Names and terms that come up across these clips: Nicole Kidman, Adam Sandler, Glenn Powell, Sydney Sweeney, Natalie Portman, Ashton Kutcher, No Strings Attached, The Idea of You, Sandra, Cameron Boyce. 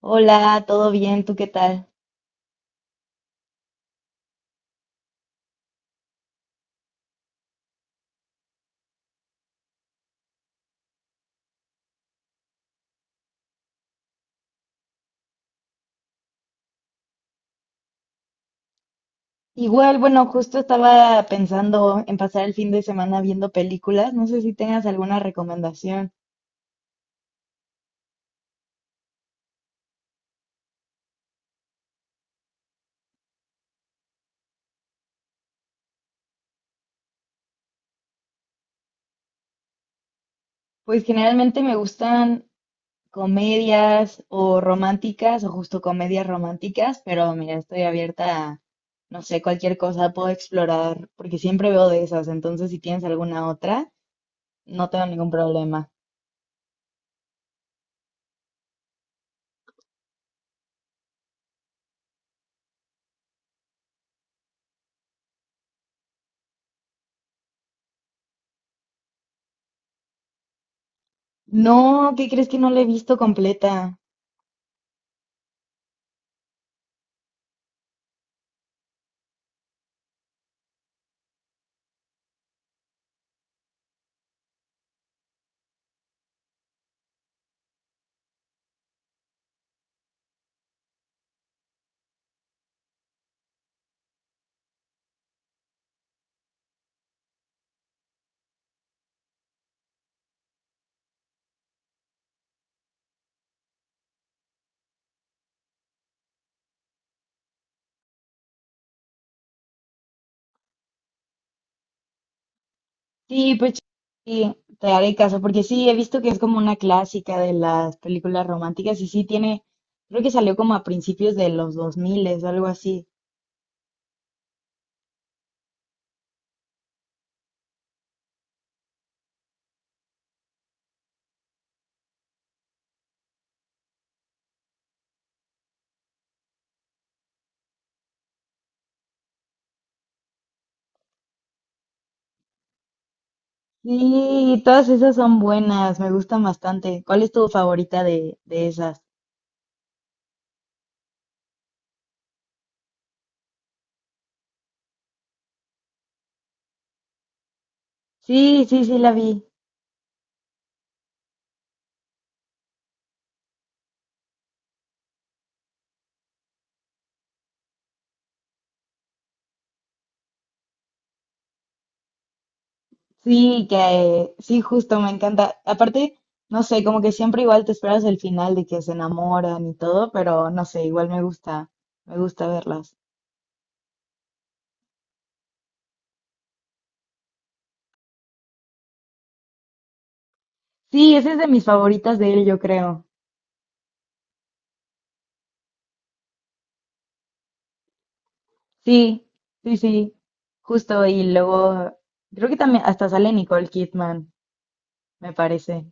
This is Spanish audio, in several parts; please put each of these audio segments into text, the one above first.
Hola, ¿todo bien? ¿Tú qué tal? Igual, bueno, justo estaba pensando en pasar el fin de semana viendo películas. No sé si tengas alguna recomendación. Pues generalmente me gustan comedias o románticas o justo comedias románticas, pero mira, estoy abierta a, no sé, cualquier cosa puedo explorar porque siempre veo de esas. Entonces, si tienes alguna otra, no tengo ningún problema. No, ¿qué crees que no la he visto completa? Sí, pues sí, te haré caso, porque sí, he visto que es como una clásica de las películas románticas y sí tiene, creo que salió como a principios de los 2000 o algo así. Sí, todas esas son buenas, me gustan bastante. ¿Cuál es tu favorita de esas? Sí, sí, sí, la vi. Sí, que sí, justo, me encanta. Aparte, no sé, como que siempre igual te esperas el final de que se enamoran y todo, pero no sé, igual me gusta verlas. Sí, esa es de mis favoritas de él, yo creo. Sí, sí, sí, justo. Y luego, creo que también hasta sale Nicole Kidman, me parece.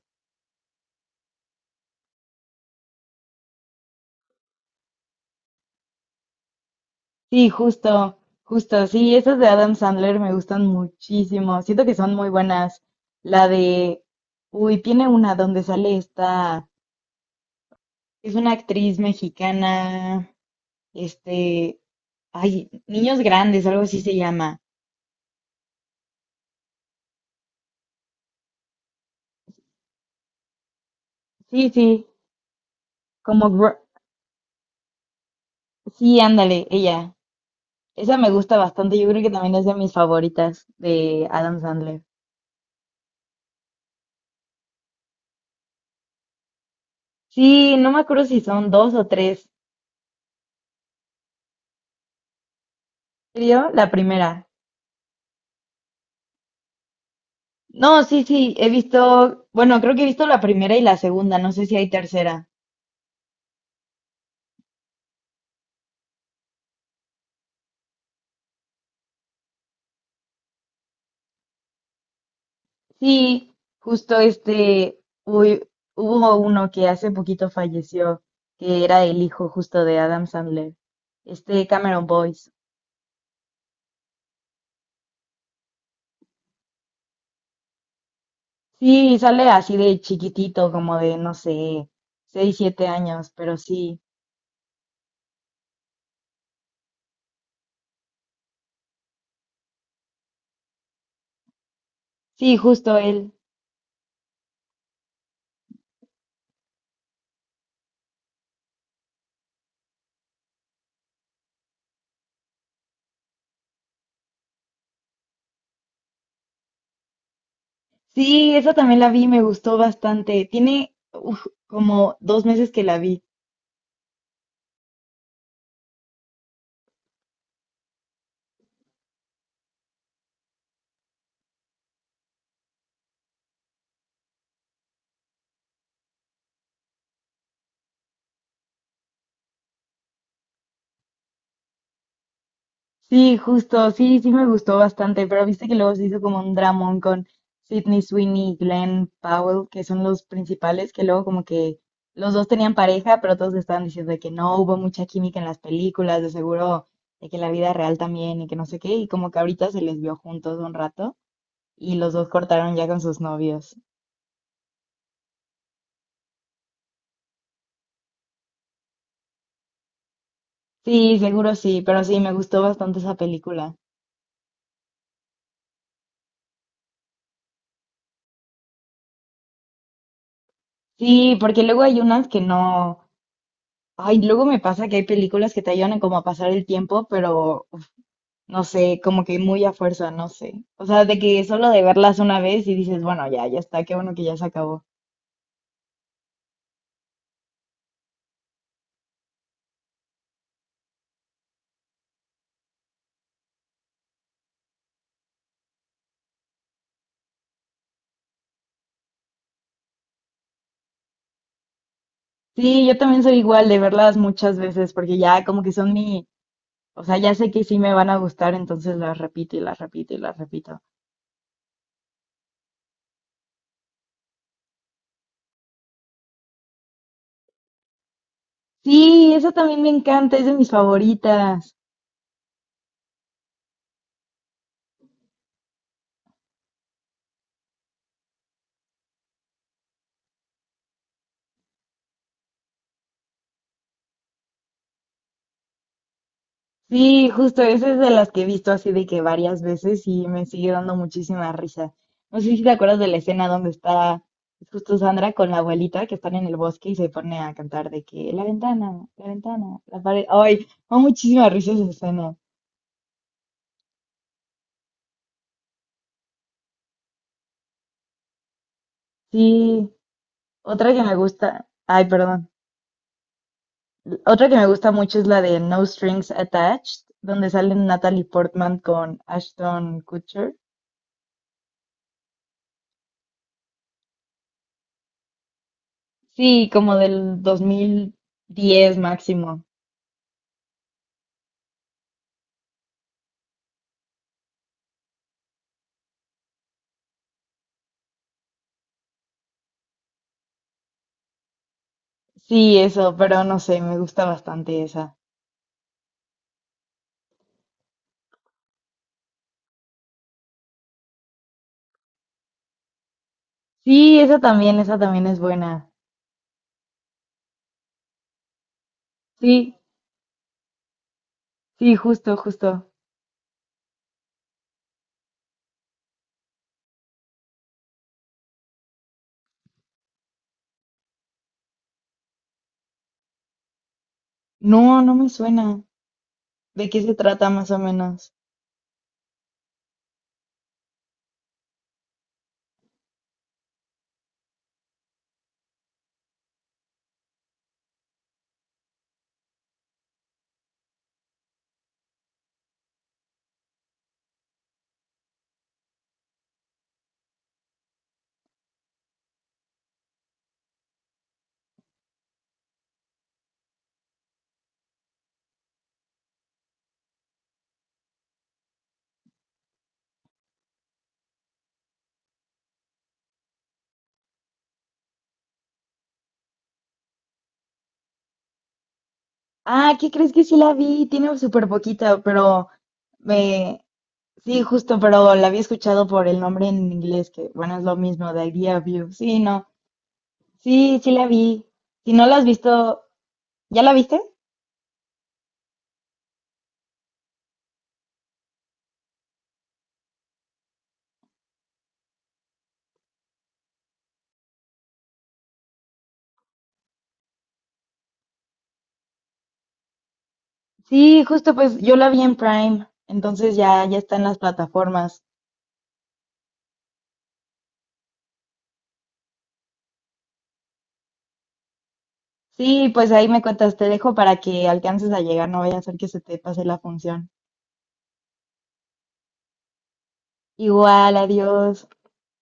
Sí, justo, justo. Sí, esas de Adam Sandler me gustan muchísimo. Siento que son muy buenas. La de, uy, tiene una donde sale esta, es una actriz mexicana, este, ay, Niños Grandes, algo así se llama. Sí, sí, como, Gr- sí, ándale, ella. Esa me gusta bastante, yo creo que también es de mis favoritas de Adam Sandler. Sí, no me acuerdo si son dos o tres. ¿En ¿Serio? La primera. No, sí, sí, he visto, bueno, creo que he visto la primera y la segunda, no sé si hay tercera. Sí, justo este, uy, hubo uno que hace poquito falleció, que era el hijo justo de Adam Sandler, este Cameron Boyce. Sí, sale así de chiquitito, como de, no sé, seis, siete años, pero sí, sí, justo él. Sí, esa también la vi, me gustó bastante. Tiene uf, como dos meses que la vi. Sí, justo, sí, sí me gustó bastante, pero viste que luego se hizo como un dramón con Sydney Sweeney y Glenn Powell, que son los principales, que luego como que los dos tenían pareja, pero todos estaban diciendo de que no hubo mucha química en las películas, de seguro, de que en la vida real también y que no sé qué, y como que ahorita se les vio juntos un rato y los dos cortaron ya con sus novios. Sí, seguro sí, pero sí, me gustó bastante esa película. Sí, porque luego hay unas que no. Ay, luego me pasa que hay películas que te ayudan como a pasar el tiempo, pero no sé, como que muy a fuerza, no sé. O sea, de que solo de verlas una vez y dices, bueno, ya, ya está, qué bueno que ya se acabó. Sí, yo también soy igual de verlas muchas veces, porque ya como que son mi. O sea, ya sé que sí me van a gustar, entonces las repito y las repito y las repito. Sí, esa también me encanta, es de mis favoritas. Sí, justo esa es de las que he visto así de que varias veces y me sigue dando muchísima risa. No sé si te acuerdas de la escena donde está justo Sandra con la abuelita que están en el bosque y se pone a cantar de que la ventana, la ventana, la pared. Ay, me da muchísima risa esa escena. Sí, otra que me gusta, ay, perdón. Otra que me gusta mucho es la de No Strings Attached, donde salen Natalie Portman con Ashton Kutcher. Sí, como del 2010 máximo. Sí, eso, pero no sé, me gusta bastante esa. Sí, esa también es buena. Sí, sí, justo, justo. No, no me suena. ¿De qué se trata más o menos? Ah, ¿qué crees que sí la vi? Tiene súper poquita, pero me... Sí, justo, pero la había escuchado por el nombre en inglés, que bueno, es lo mismo, The Idea of You. Sí, no. Sí, sí la vi. Si no la has visto, ¿ya la viste? Sí, justo, pues yo la vi en Prime, entonces ya, ya está en las plataformas. Sí, pues ahí me cuentas, te dejo para que alcances a llegar, no vaya a ser que se te pase la función. Igual, adiós.